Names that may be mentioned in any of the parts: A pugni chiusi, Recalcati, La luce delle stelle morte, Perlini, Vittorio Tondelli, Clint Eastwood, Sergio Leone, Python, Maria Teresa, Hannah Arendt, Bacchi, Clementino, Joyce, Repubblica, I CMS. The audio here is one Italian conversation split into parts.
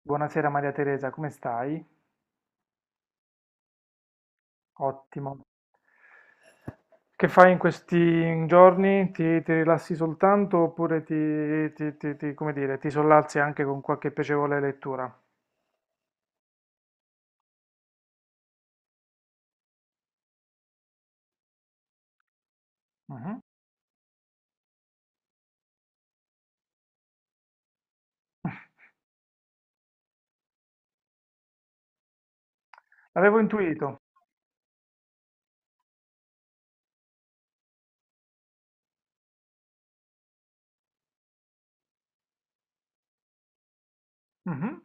Buonasera Maria Teresa, come stai? Ottimo. Che fai in questi giorni? Ti rilassi soltanto oppure come dire, ti sollazzi anche con qualche piacevole lettura? Mhm. L'avevo intuito. Mhm.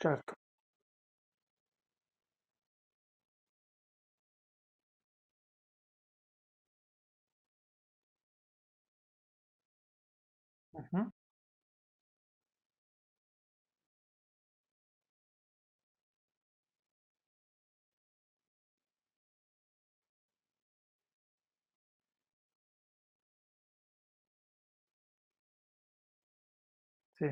Certo. Mhm. Sì.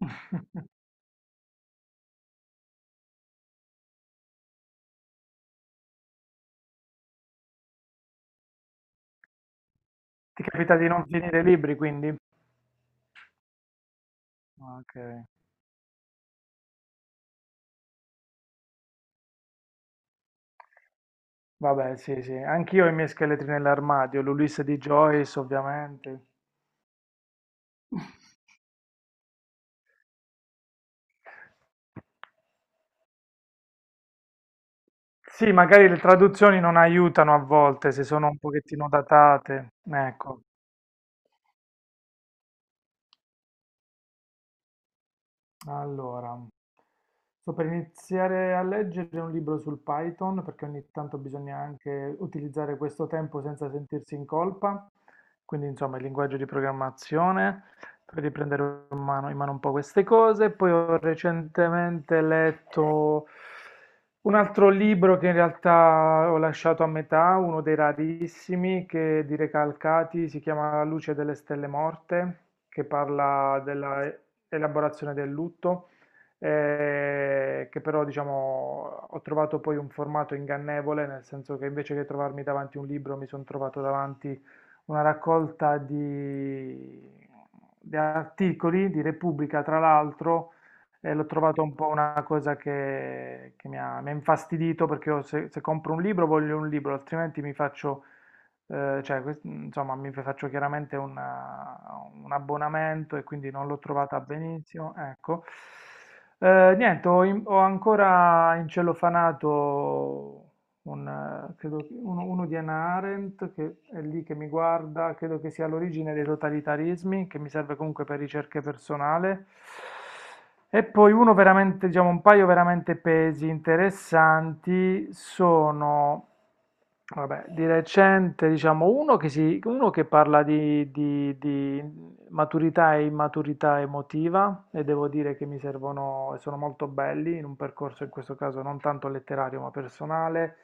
Ti capita di non finire i libri, quindi? Ok. Vabbè, sì, sì. Anch'io ho i miei scheletri nell'armadio, l'Ulisse di Joyce, ovviamente. Sì, magari le traduzioni non aiutano a volte se sono un pochettino datate. Ecco, allora, sto per iniziare a leggere un libro sul Python perché ogni tanto bisogna anche utilizzare questo tempo senza sentirsi in colpa, quindi insomma il linguaggio di programmazione. Poi riprendere in mano, un po' queste cose. Poi ho recentemente letto un altro libro che in realtà ho lasciato a metà, uno dei rarissimi, che di Recalcati, si chiama La luce delle stelle morte, che parla della elaborazione del lutto, che però diciamo ho trovato poi un formato ingannevole, nel senso che invece che trovarmi davanti un libro mi sono trovato davanti una raccolta di articoli di Repubblica, tra l'altro, e l'ho trovato un po' una cosa che mi ha infastidito perché io se compro un libro voglio un libro, altrimenti mi faccio, cioè, insomma, mi faccio chiaramente un abbonamento e quindi non l'ho trovata benissimo. Ecco. Niente, ho ancora incellofanato un, uno di Hannah Arendt, che è lì che mi guarda, credo che sia l'origine dei totalitarismi, che mi serve comunque per ricerche personale. E poi uno veramente, diciamo, un paio veramente pesi interessanti sono vabbè, di recente, diciamo, uno che parla di maturità e immaturità emotiva e devo dire che mi servono e sono molto belli in un percorso in questo caso non tanto letterario ma personale,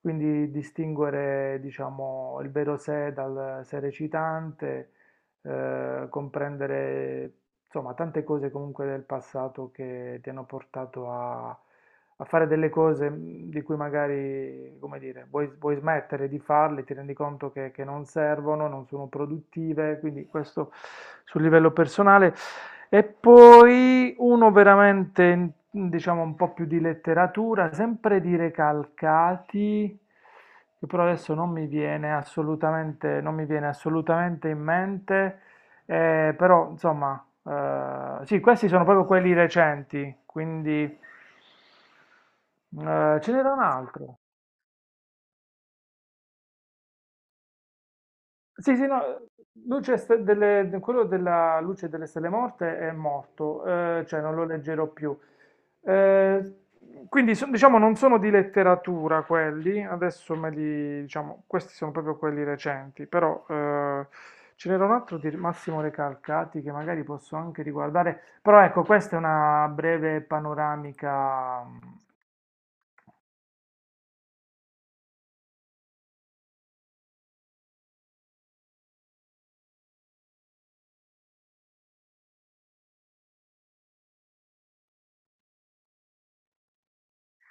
quindi distinguere, diciamo, il vero sé dal sé recitante, comprendere, insomma, tante cose comunque del passato che ti hanno portato a fare delle cose di cui magari, come dire, vuoi smettere di farle, ti rendi conto che non servono, non sono produttive, quindi questo sul livello personale. E poi uno veramente, diciamo, un po' più di letteratura, sempre di Recalcati, che però adesso non mi viene assolutamente, non mi viene assolutamente in mente, però insomma sì, questi sono proprio quelli recenti, quindi ce n'era un altro. Sì, sì, no, luce ste- delle- de- quello della luce delle stelle morte è morto, cioè non lo leggerò più. Eh, quindi diciamo non sono di letteratura quelli, adesso me li, diciamo, questi sono proprio quelli recenti, però ce n'era un altro di Massimo Recalcati che magari posso anche riguardare, però ecco, questa è una breve panoramica.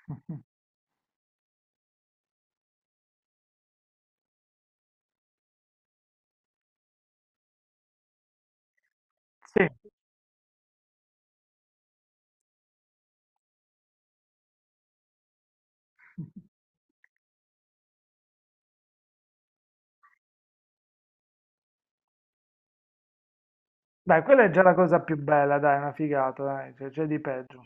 Mm. Sì, dai, quella è già la cosa più bella, dai, una figata, dai, c'è di peggio.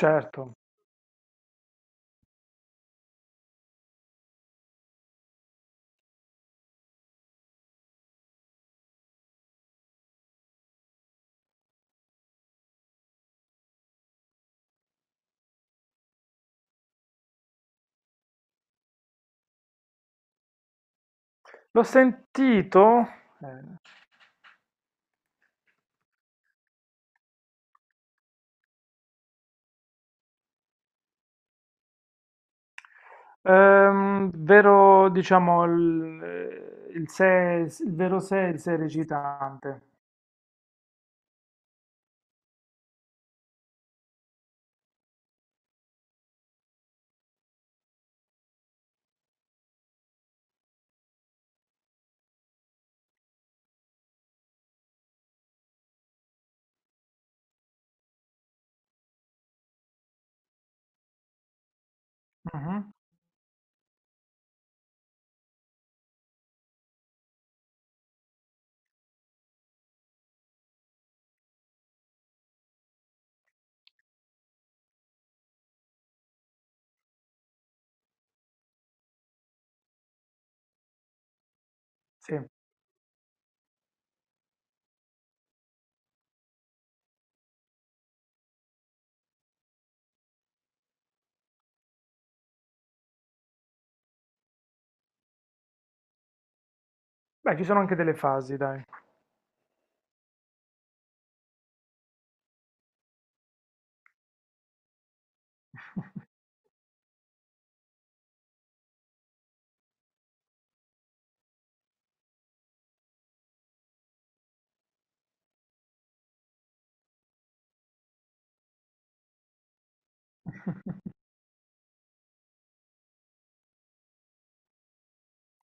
Certo. L'ho sentito, eh, vero, diciamo, il vero sé, e il sé recitante. Mhm. Sì. Beh, ci sono anche delle fasi, dai.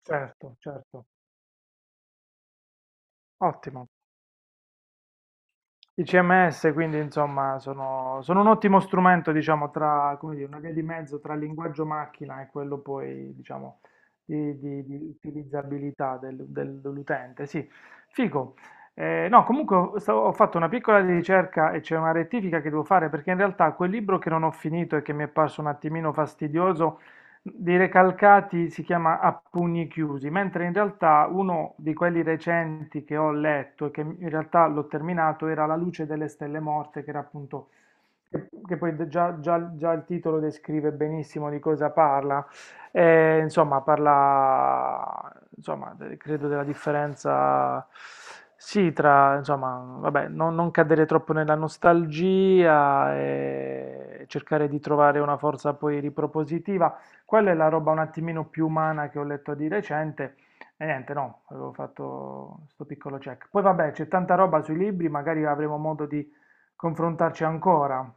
Certo, certo. Ottimo. I CMS, quindi insomma, sono, sono un ottimo strumento, diciamo, tra, come dire, una via di mezzo tra il linguaggio macchina e quello poi, diciamo, di, di utilizzabilità dell'utente. Sì, figo. No, comunque ho fatto una piccola ricerca e c'è una rettifica che devo fare perché in realtà quel libro che non ho finito e che mi è parso un attimino fastidioso di Recalcati si chiama A pugni chiusi, mentre in realtà uno di quelli recenti che ho letto e che in realtà l'ho terminato era La luce delle stelle morte, che era appunto, che poi già il titolo descrive benissimo di cosa parla. Insomma, parla, insomma, de- credo della differenza, sì, tra, insomma, vabbè, non cadere troppo nella nostalgia e cercare di trovare una forza poi ripropositiva, quella è la roba un attimino più umana che ho letto di recente e niente, no, avevo fatto sto piccolo check. Poi vabbè, c'è tanta roba sui libri, magari avremo modo di confrontarci ancora.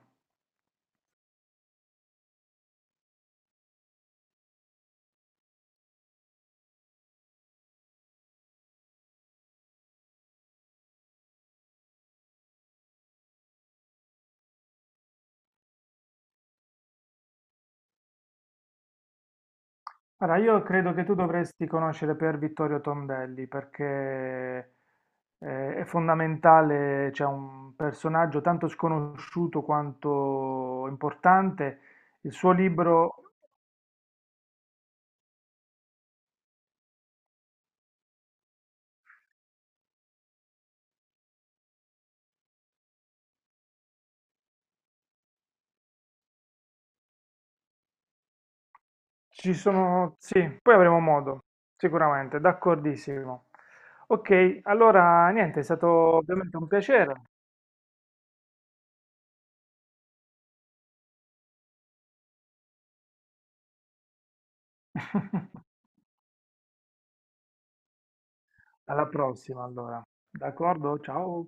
Allora, io credo che tu dovresti conoscere per Vittorio Tondelli perché è fondamentale, c'è un personaggio tanto sconosciuto quanto importante. Il suo libro ci sono, sì, poi avremo modo, sicuramente, d'accordissimo. Ok, allora niente, è stato ovviamente un piacere. Alla prossima, allora. D'accordo? Ciao.